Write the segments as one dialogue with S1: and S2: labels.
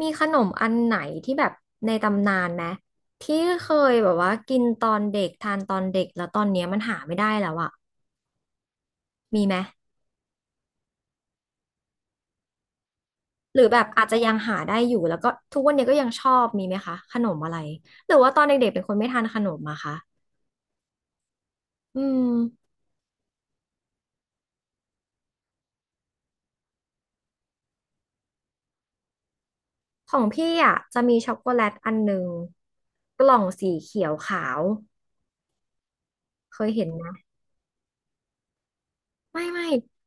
S1: มีขนมอันไหนที่แบบในตำนานไหมที่เคยแบบว่ากินตอนเด็กทานตอนเด็กแล้วตอนเนี้ยมันหาไม่ได้แล้วอะมีไหมหรือแบบอาจจะยังหาได้อยู่แล้วก็ทุกวันเนี้ยก็ยังชอบมีไหมคะขนมอะไรหรือว่าตอนเด็กๆเป็นคนไม่ทานขนมอะคะอืมของพี่อะจะมีช็อกโกแลตอันหนึ่งกล่องสีเขียวขาวเคยเห็นนะ ไม่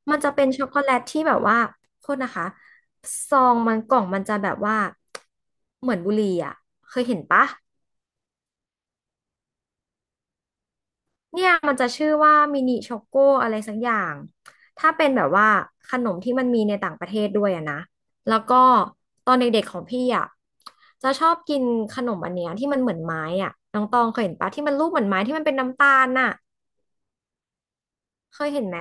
S1: มันจะเป็นช็อกโกแลตที่แบบว่าโทษนะคะซองมันกล่องมันจะแบบว่าเหมือนบุหรี่อ่ะเคยเห็นปะเนี่ยมันจะชื่อว่ามินิช็อกโกอะไรสักอย่างถ้าเป็นแบบว่าขนมที่มันมีในต่างประเทศด้วยอะนะแล้วก็ตอนเด็กๆของพี่อ่ะจะชอบกินขนมอันเนี้ยที่มันเหมือนไม้อ่ะน้องตองเคยเห็นปะที่มันรูปเหมือนไม้ที่มันเป็นน้ำตาลน่ะเคยเห็นไหม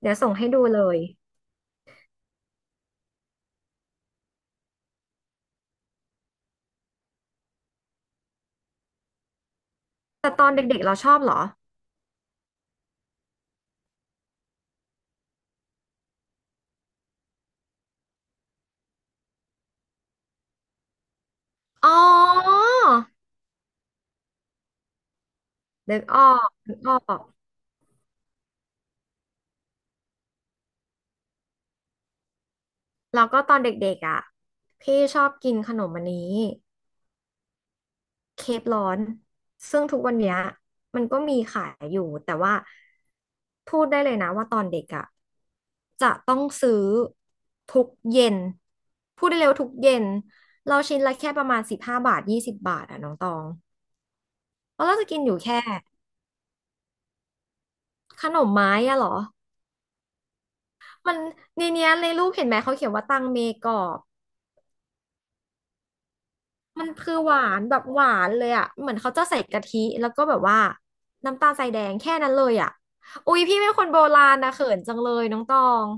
S1: เดี๋ยวส่งให้ดูเลยแต่ตอนเด็กๆเราชอบเหรออ๋อ นึกออกนึกออกแล้วก็ตอนเด็กๆอ่ะพี่ชอบกินขนมอันนี้เคกร้อนซึ่งทุกวันเนี้ยมันก็มีขายอยู่แต่ว่าพูดได้เลยนะว่าตอนเด็กอ่ะจะต้องซื้อทุกเย็นพูดได้เร็วาทุกเย็นเราชิ้นละแค่ประมาณ15 บาท20 บาทอ่ะน้องตองแล้วเราจะกินอยู่แค่ขนมไม้อะเหรอมันในเนี้ยในรูปเห็นไหมเขาเขียนว่าตังเมกอบ มันคือหวานแบบหวานเลยอ่ะเหมือนเขาจะใส่กะทิแล้วก็แบบว่าน้ำตาลทรายแดงแค่นั้นเลยอ่ะอุ๊ยพี่เป็นคนโบราณนะเขินจังเลยน้องตอง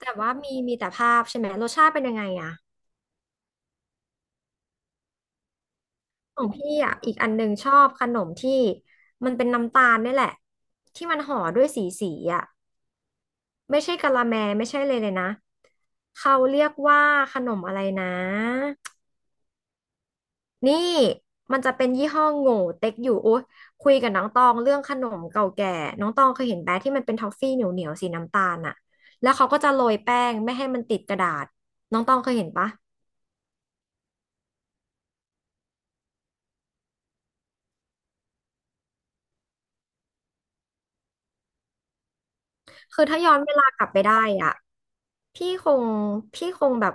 S1: แต่ว่ามีแต่ภาพใช่ไหมรสชาติเป็นยังไงอ่ะของพี่อ่ะอีกอันหนึ่งชอบขนมที่มันเป็นน้ำตาลนี่แหละที่มันห่อด้วยสีสีอ่ะไม่ใช่กะละแมไม่ใช่เลยนะเขาเรียกว่าขนมอะไรนะ นี่มันจะเป็นยี่ห้อโง่เต็กอยู่อุ๊ยคุยกับน้องตองเรื่องขนมเก่าแก่น้องตองเคยเห็นแบะที่มันเป็นทอฟฟี่เหนียวเหนียวสีน้ำตาลอะแล้วเขาก็จะโรยแป้งไม่ให้มันติดกระดาษน้องตองเคยเห็นปะคือถ้าย้อนเวลากลับไปได้อ่ะพี่คงพี่คงแบบ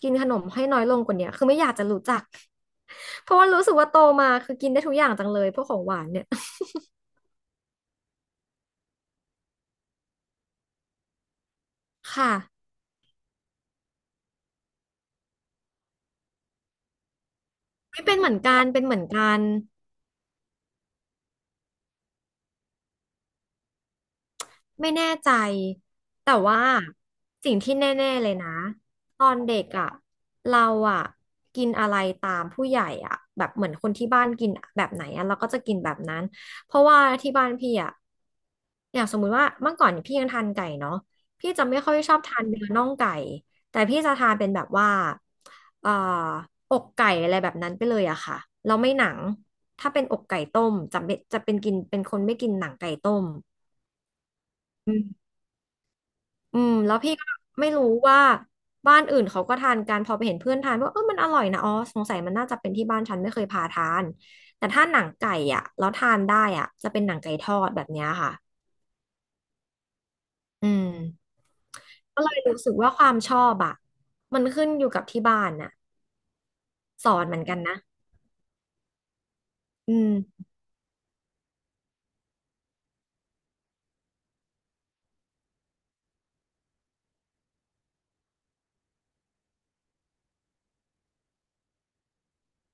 S1: กินขนมให้น้อยลงกว่าเนี้ยคือไม่อยากจะรู้จัก เพราะว่ารู้สึกว่าโตมาคือกินได้ทุกอย่างจังเลยพวกของหวานเนี่ย ค่ะไม่เป็นเหมือนกันเป็นเหมือนกัน ไม่แน่ใจแต่ว่าสิ่งที่แน่ๆเลยนะตอนเด็กอ่ะเราอ่ะกินอะไรตามผู้ใหญ่อ่ะแบบเหมือนคนที่บ้านกินแบบไหนอ่ะเราก็จะกินแบบนั้นเพราะว่าที่บ้านพี่อ่ะอย่างสมมุติว่าเมื่อก่อนเนี่ยพี่ยังทานไก่เนาะพี่จะไม่ค่อยชอบทานเนื้อน่องไก่แต่พี่จะทานเป็นแบบว่าเอ่อกไก่อะไรแบบนั้นไปเลยอะค่ะเราไม่หนังถ้าเป็นอกไก่ต้มจะเป็นกินเป็นคนไม่กินหนังไก่ต้ม อืมแล้วพี่ก็ไม่รู้ว่าบ้านอื่นเขาก็ทานกันพอไปเห็นเพื่อนทานว่าเออมันอร่อยนะอ๋อสงสัยมันน่าจะเป็นที่บ้านฉันไม่เคยพาทานแต่ถ้าหนังไก่อ่ะแล้วทานได้อ่ะจะเป็นหนังไก่ทอดแบบเนี้ยค่ะอืมก็เลยรู้สึกว่าความชอบอ่ะมันขึ้นอยู่กับที่บ้านน่ะสอนเหมือนกันนะอืม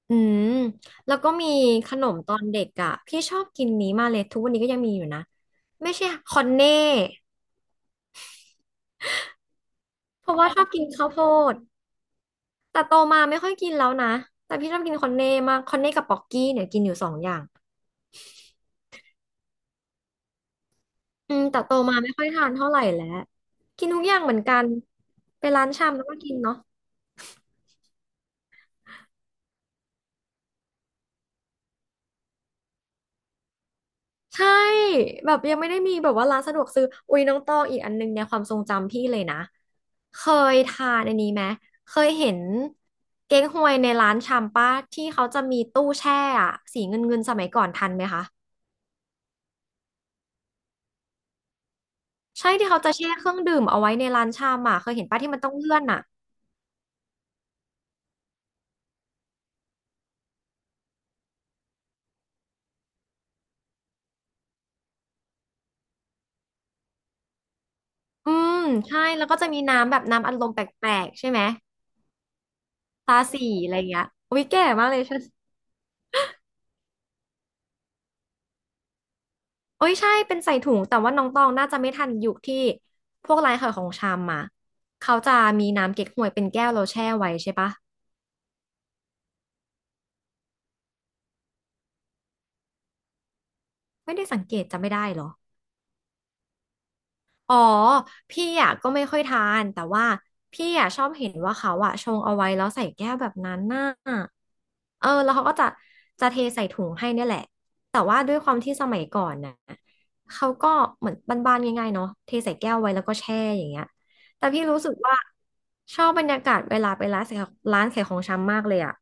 S1: อืมแล้วก็มีขนมตอนเด็กอ่ะพี่ชอบกินนี้มากเลยทุกวันนี้ก็ยังมีอยู่นะไม่ใช่คอนเน่เพราะว่าชอบกินข้าวโพด แต่โตมาไม่ค่อยกินแล้วนะแต่พี่ชอบกินคอนเน่มากคอนเน่กับป๊อกกี้เนี่ยกินอยู่สองอย่างอืมแต่โตมาไม่ค่อยทานเท่าไหร่แล้วกินทุกอย่างเหมือนกันไปร้านชำแล้วก็กินเนาะใช่แบบยังไม่ได้มีแบบว่าร้านสะดวกซื้ออุ้ยน้องตองอีกอันนึงในความทรงจำพี่เลยนะเคยทานอันนี้ไหมเคยเห็นเก๊กฮวยในร้านชำป้าที่เขาจะมีตู้แช่อะเงินเงินสมัยก่อนทันไหมคะใช่ที่เขาจะแช่เครื่องดื่มเอาไว้ในร้านชำอ่ะเคยเห็นป้าที่มันต้องเลื่อนอ่ะ อืมใช่แล้วก็จะมีน้ำแบบน้ำอัดลมแปลกๆใช่ไหมตาสีอะไรอย่างเงี้ยโอ้ยแก่มากเลยใช่โอ้ยใช่เป็นใส่ถุงแต่ว่าน้องตองน่าจะไม่ทันยุคที่พวกร้านขายของชำมาเขาจะมีน้ำเก๊กฮวยเป็นแก้วเราแช่ไว้ใช่ปะไม่ได้สังเกตจำไม่ได้เหรอ อ๋อพี่อ่ะก็ไม่ค่อยทานแต่ว่าพี่อ่ะชอบเห็นว่าเขาอ่ะชงเอาไว้แล้วใส่แก้วแบบนั้นน่ะเออแล้วเขาก็จะเทใส่ถุงให้เนี่ยแหละแต่ว่าด้วยความที่สมัยก่อนน่ะเขาก็เหมือนบ้านๆง่ายๆเนาะเทใส่แก้วไว้แล้วก็แช่อย่างเงี้ยแต่พี่รู้สึกว่าชอบบรรยากาศเวลาไปร้านขายของชำมากเลยอ่ะ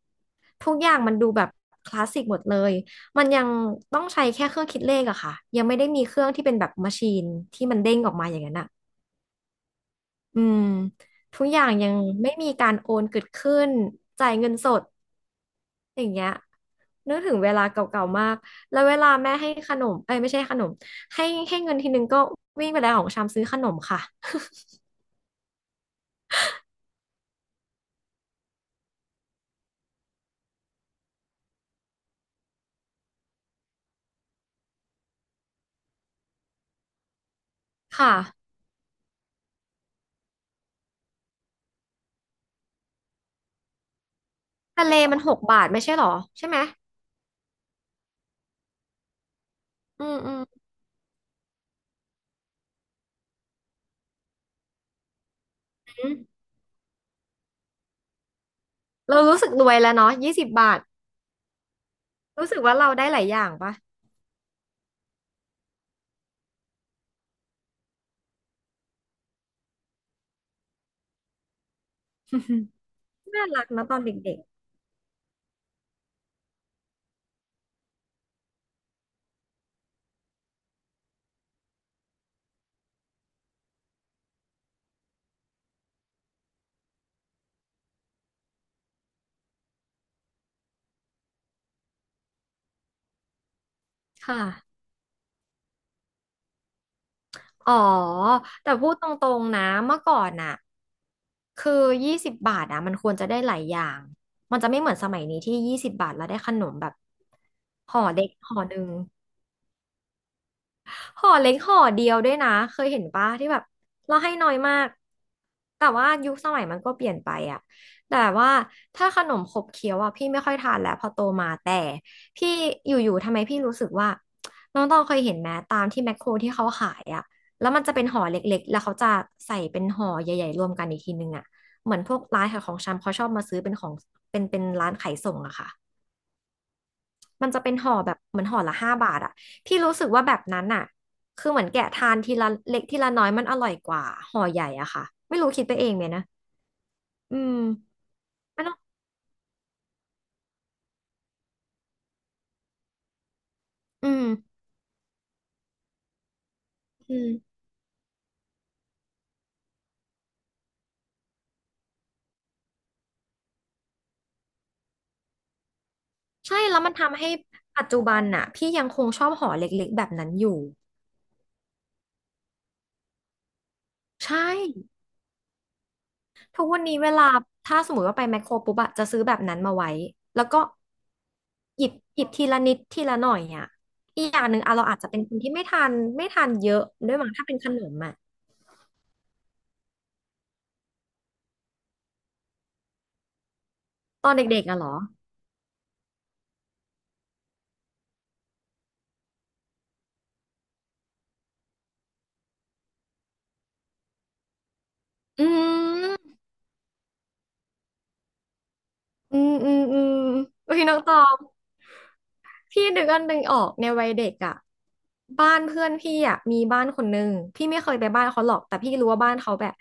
S1: ทุกอย่างมันดูแบบคลาสสิกหมดเลย มันยังต้องใช้แค่เครื่องคิดเลขอะค่ะยังไม่ได้มีเครื่องที่เป็นแบบมาชีนที่มันเด้งออกมาอย่างนั้นอะอืมทุกอย่างยังไม่มีการโอนเกิดขึ้นจ่ายเงินสดอย่างเงี้ยนึกถึงเวลาเก่าๆมากแล้วเวลาแม่ให้ขนมเอ้ยไม่ใช่ขนมให้ให้เงินทีนึงก็วิ่งไปแล้วของชามซื้อขนมค่ะค่ะทะเลมัน6 บาทไม่ใช่หรอใช่ไหมอืมอืมอืมเรารู้สึกรวยแล้วเนาะยี่สิบบาทรู้สึกว่าเราได้หลายอย่างปะ น่ารักนะตอนเด็กๆค่ะ อ๋อแต่พูดตรงๆนะเมื่อก่อนน่ะคือยี่สิบบาทอ่ะมันควรจะได้หลายอย่างมันจะไม่เหมือนสมัยนี้ที่ยี่สิบบาทแล้วได้ขนมแบบห่อเด็กห่อหนึ่ง ห่อเล็กห่อเดียวด้วยนะเคยเห็นปะที่แบบเราให้น้อยมากแต่ว่ายุคสมัยมันก็เปลี่ยนไปอะแต่ว่าถ้าขนมขบเคี้ยวอะพี่ไม่ค่อยทานแล้วพอโตมาแต่พี่อยู่ๆทำไมพี่รู้สึกว่าน้องตองเคยเห็นไหมตามที่แมคโครที่เขาขายอะแล้วมันจะเป็นห่อเล็กๆแล้วเขาจะใส่เป็นห่อใหญ่ๆรวมกันอีกทีนึงอะเหมือนพวกร้านขายของชำเขาชอบมาซื้อเป็นของเป็นร้านขายส่งอะค่ะ มันจะเป็นห่อแบบเหมือนห่อละ5 บาทอะที่รู้สึกว่าแบบนั้นอะคือเหมือนแกะทานทีละเล็กทีละน้อยมันอร่อยกว่าห่อใหญ่อะค่ะไม่รู้คิดไปเองไหมนะอืมมันต้องอืมอืมใช่แล้วมันทำให้ปัจจุบันน่ะพี่ยังคงชอบห่อเล็กๆแบบนั้นอยู่ใช่ทุกวันนี้เวลาถ้าสมมติว่าไปแมคโครปุ๊บอะจะซื้อแบบนั้นมาไว้แล้วก็หยิบทีละนิดทีละหน่อยอะอีกอย่างหนึ่งอะเราอาจจะเป็นคนที่ไม่ทานเยอะด้วยมั้งถ้าเป็นขนมอะตอนเด็กๆอะเหรอ อืมอืมอืมอืมอุ้ยน้องตองพี่นึกอันหนึ่งออกในวัยเด็กอ่ะบ้านเพื่อนพี่อ่ะมีบ้านคนนึงพี่ไม่เคยไปบ้านเขาหรอกแต่พี่รู้ว่าบ้านเขาแบบ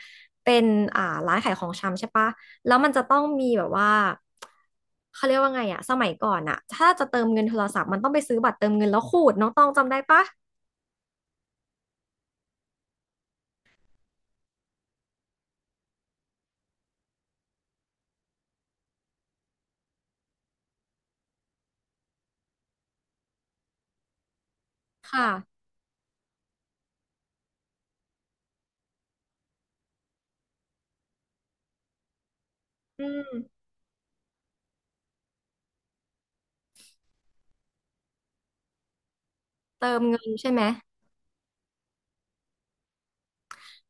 S1: เป็นร้านขายของชำใช่ปะแล้วมันจะต้องมีแบบว่าเขาเรียกว่าไงอ่ะสมัยก่อนอ่ะถ้าจะเติมเงินโทรศัพท์มันต้องไปซื้อบัตรเติมเงินแล้วขูดน้องตองจำได้ปะค่ะอืมเติมเงินใช่ไหม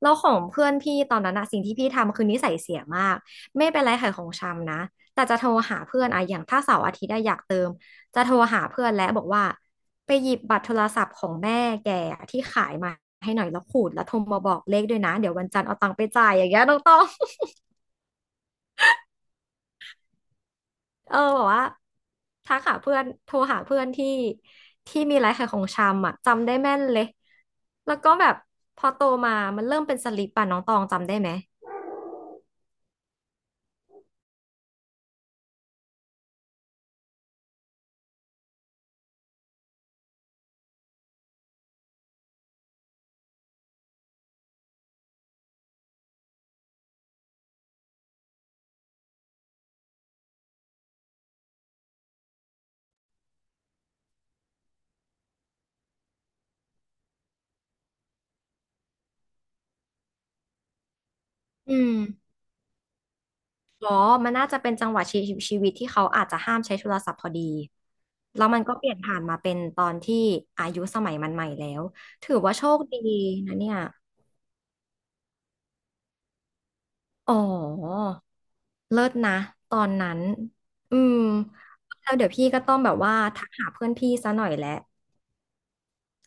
S1: แล้วของเพื่อนพี่ตอนนั้นอะสิ่งที่พี่ทำคือนิสัยเสียมากไม่เป็นไรขายของชำนะแต่จะโทรหาเพื่อนอะอย่างถ้าเสาร์อาทิตย์อะอยากเติมจะโทรหาเพื่อนและบอกว่าไปหยิบบัตรโทรศัพท์ของแม่แกอะที่ขายมาให้หน่อยแล้วขูดแล้วโทรมาบอกเลขด้วยนะเดี๋ยววันจันทร์เอาตังค์ไปจ่ายอย่างเงี้ยน้องต้อง เออบอกว่าทักหาเพื่อนโทรหาเพื่อนที่มีร้านขายของชำอะจำได้แม่นเลยแล้วก็แบบพอโตมามันเริ่มเป็นสลิปป่ะน้องตองจำได้ไหมอืม อ๋อ มันน่าจะเป็นจังหวะชีวิตที่เขาอาจจะห้ามใช้โทรศัพท์พอดีแล้วมันก็เปลี่ยนผ่านมาเป็นตอนที่อายุสมัยมันใหม่แล้วถือว่าโชคดีนะเนี่ยอ๋อเลิศนะตอนนั้นอืมแล้วเดี๋ยวพี่ก็ต้องแบบว่าทักหาเพื่อนพี่ซะหน่อยแหละ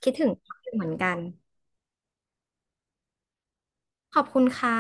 S1: คิดถึงเขาอยู่เหมือนกันขอบคุณค่ะ